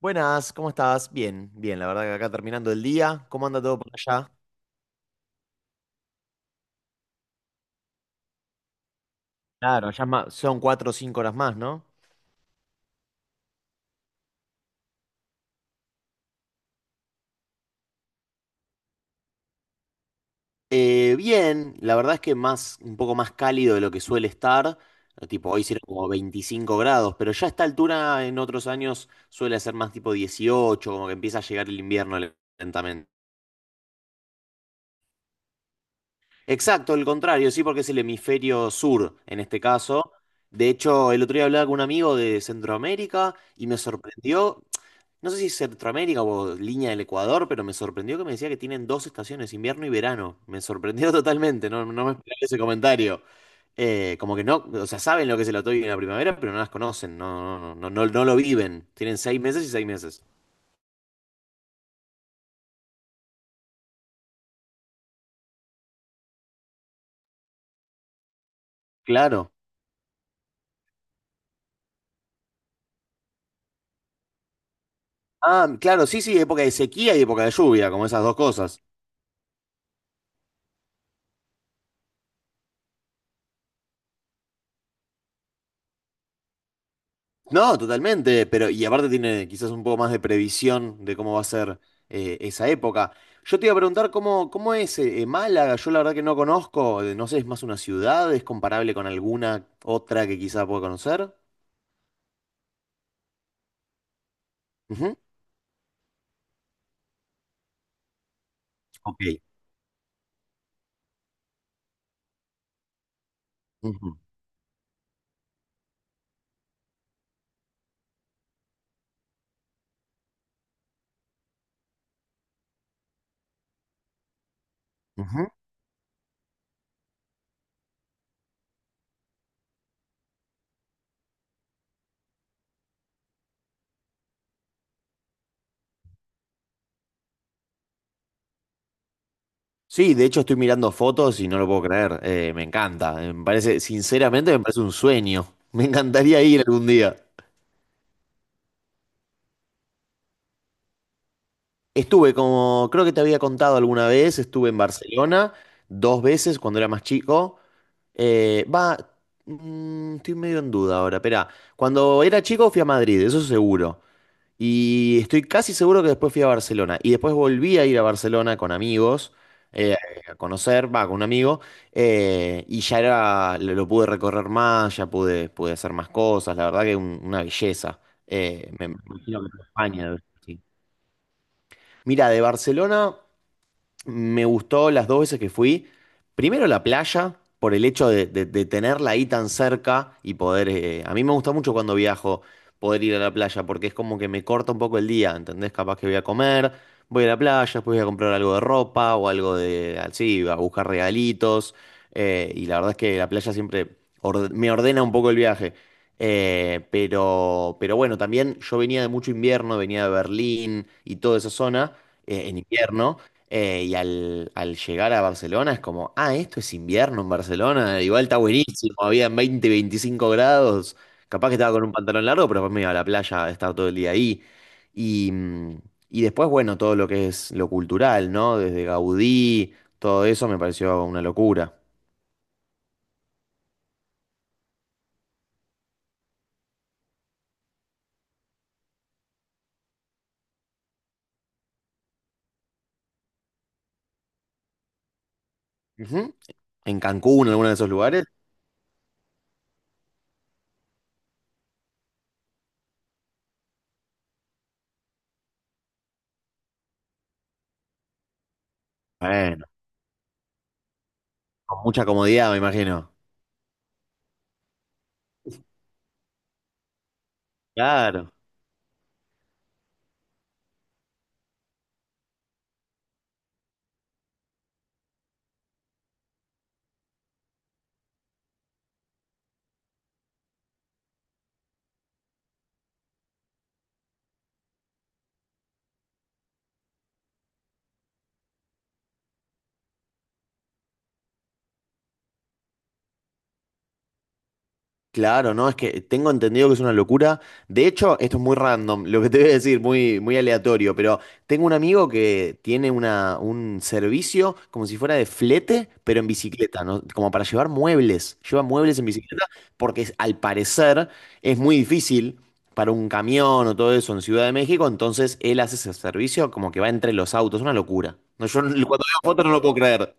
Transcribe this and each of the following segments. Buenas, ¿cómo estás? Bien, bien, la verdad que acá terminando el día. ¿Cómo anda todo por allá? Claro, ya es son cuatro o cinco horas más, ¿no? Bien, la verdad es que más, un poco más cálido de lo que suele estar. Tipo, hoy sirve como 25 grados, pero ya a esta altura en otros años suele ser más tipo 18, como que empieza a llegar el invierno lentamente. Exacto, el contrario, sí, porque es el hemisferio sur en este caso. De hecho, el otro día hablaba con un amigo de Centroamérica y me sorprendió, no sé si es Centroamérica o línea del Ecuador, pero me sorprendió que me decía que tienen dos estaciones, invierno y verano. Me sorprendió totalmente, no, no me esperaba ese comentario. Como que no, o sea, saben lo que es el otoño y la primavera, pero no las conocen, no, no, no, no, no lo viven. Tienen 6 meses y 6 meses. Claro. Ah, claro, sí, sí, época de sequía y época de lluvia, como esas dos cosas. No, totalmente, pero y aparte tiene quizás un poco más de previsión de cómo va a ser esa época. Yo te iba a preguntar cómo, cómo es Málaga. Yo la verdad que no conozco, no sé, es más una ciudad, es comparable con alguna otra que quizás pueda conocer. Ujú. Ok, ujú, ujú. Sí, de hecho estoy mirando fotos y no lo puedo creer, me encanta, me parece, sinceramente me parece un sueño, me encantaría ir algún día. Estuve, como creo que te había contado alguna vez, estuve en Barcelona dos veces cuando era más chico. Va, estoy medio en duda ahora, espera. Cuando era chico fui a Madrid, eso seguro. Y estoy casi seguro que después fui a Barcelona. Y después volví a ir a Barcelona con amigos, eh, a conocer, va, con un amigo. Y ya era, lo pude recorrer más, ya pude hacer más cosas. La verdad que una belleza. Me imagino que España debe. Mira, de Barcelona. Me gustó las dos veces que fui. Primero la playa, por el hecho de, de tenerla ahí tan cerca y poder... a mí me gusta mucho cuando viajo poder ir a la playa, porque es como que me corta un poco el día, ¿entendés? Capaz que voy a comer, voy a la playa, después voy a comprar algo de ropa o algo de... así, a buscar regalitos. Y la verdad es que la playa siempre me ordena un poco el viaje. Pero bueno, también yo venía de mucho invierno, venía de Berlín y toda esa zona en invierno. Y al llegar a Barcelona es como, ah, esto es invierno en Barcelona, igual está buenísimo, habían 20, 25 grados, capaz que estaba con un pantalón largo, pero después me iba a la playa a estar todo el día ahí. Y, mm, y después, bueno, todo lo que es lo cultural, ¿no? Desde Gaudí, todo eso me pareció una locura. Ujú. En Cancún, en alguno de esos lugares, bueno, con mucha comodidad, me imagino. Claro. Claro, no, es que tengo entendido que es una locura. De hecho, esto es muy random, lo que te voy a decir, muy, muy aleatorio, pero tengo un amigo que tiene un servicio como si fuera de flete, pero en bicicleta, ¿no? Como para llevar muebles. Lleva muebles en bicicleta porque al parecer es muy difícil para un camión o todo eso en Ciudad de México. Entonces él hace ese servicio como que va entre los autos, es una locura. No, yo no- cuando veo fotos no lo puedo creer.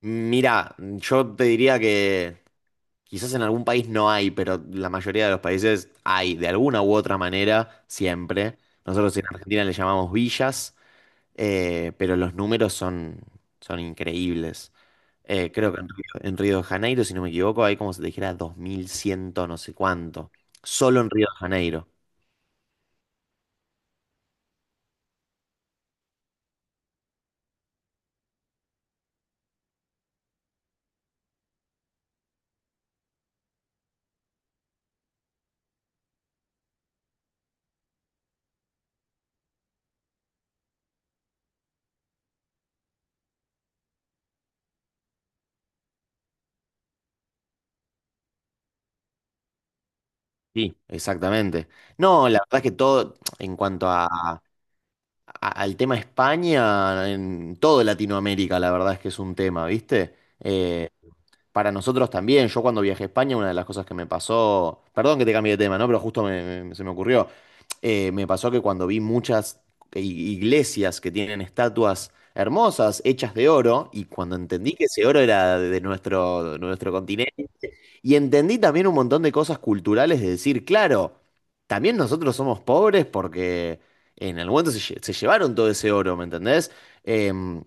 Mira, yo te diría que... Quizás en algún país no hay, pero la mayoría de los países hay, de alguna u otra manera, siempre. Nosotros en Argentina le llamamos villas, pero los números son, son increíbles. Creo que en Río de Janeiro, si no me equivoco, hay como se te dijera 2100 no sé cuánto. Solo en Río de Janeiro. Sí, exactamente. No, la verdad es que todo, en cuanto a, al tema España, en todo Latinoamérica, la verdad es que es un tema, ¿viste? Eh, para nosotros también. Yo cuando viajé a España, una de las cosas que me pasó, perdón que te cambie de tema, ¿no? Pero justo se me ocurrió. Me pasó que cuando vi muchas i- iglesias que tienen estatuas hermosas, hechas de oro, y cuando entendí que ese oro era de nuestro, nuestro, y entendí también un montón de cosas culturales de decir, claro, también nosotros somos pobres porque en algún momento se llevaron todo ese oro, ¿me entendés? Em,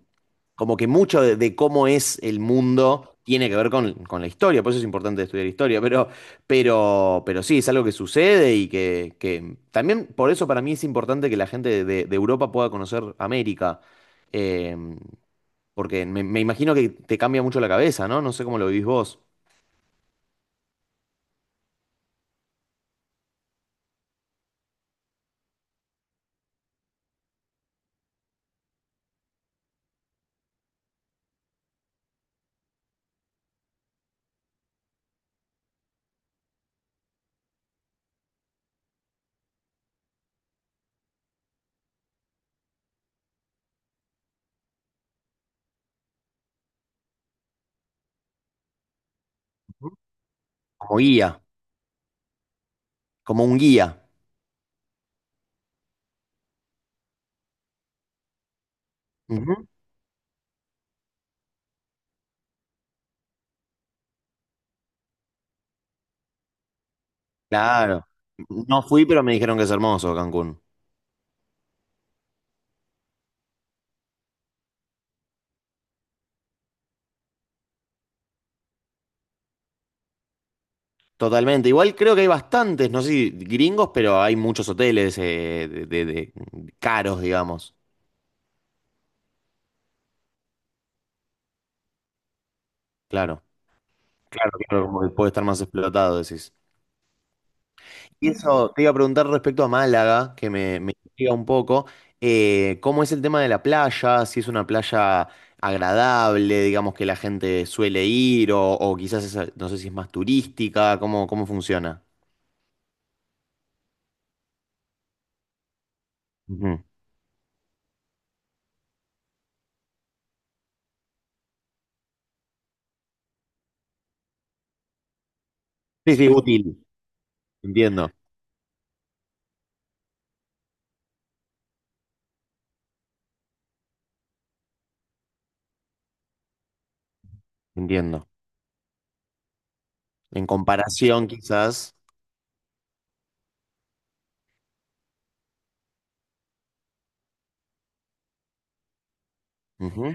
como que mucho de cómo es el mundo tiene que ver con la historia, por eso es importante estudiar historia, pero, pero sí, es algo que sucede y que también por eso para mí es importante que la gente de Europa pueda conocer América. Em, porque me imagino que te cambia mucho la cabeza, ¿no? No sé cómo lo vivís vos, como guía. Como un guía. Ujú. Claro. No fui, pero me dijeron que es hermoso Cancún. Totalmente. Igual creo que hay bastantes, no sé si gringos, pero hay muchos hoteles de caros, digamos. Claro. Claro, claro, como que puede estar más explotado, decís. Y eso te iba a preguntar respecto a Málaga, que me intriga un poco. ¿Cómo es el tema de la playa? Si es una playa agradable, digamos que la gente suele ir, o quizás no sé si es más turística, ¿cómo, cómo funciona? Sí, sí, útil. Entiendo, entiendo. En comparación, quizás. Ujú,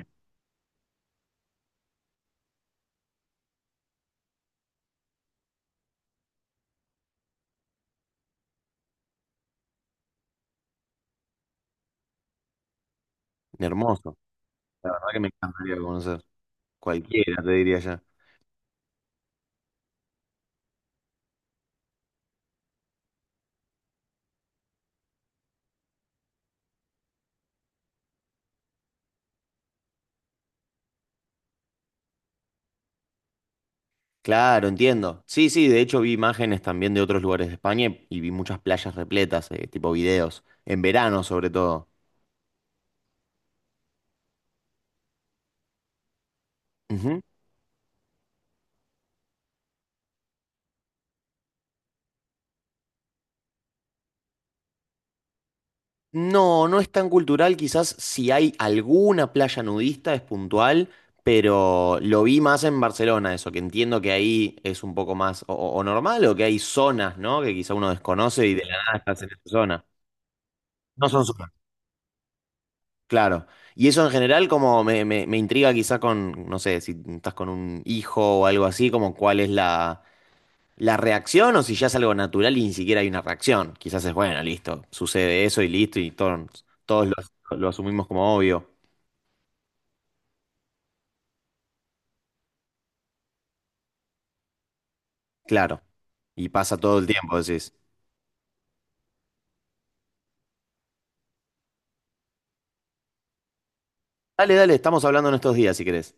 hermoso. La verdad que me encantaría conocer. Cualquiera, te diría ya. Claro, entiendo. Sí, sí, de hecho vi imágenes también de otros lugares de España y vi muchas playas repletas, tipo videos. En verano, sobre todo. No, no es tan cultural, quizás si hay alguna playa nudista es puntual, pero lo vi más en Barcelona, eso, que entiendo que ahí es un poco más o, o normal o que hay zonas, ¿no? Que quizá uno desconoce y de la nada estás en esa zona. No son zonas. Claro. Y eso en general como me, me intriga quizá con, no sé, si estás con un hijo o algo así, como cuál es la reacción, o si ya es algo natural y ni siquiera hay una reacción. Quizás es, bueno, listo, sucede eso y listo y todos lo lo asumimos como obvio. Claro. Y pasa todo el tiempo, decís. Dale, dale, estamos hablando en estos días, si querés.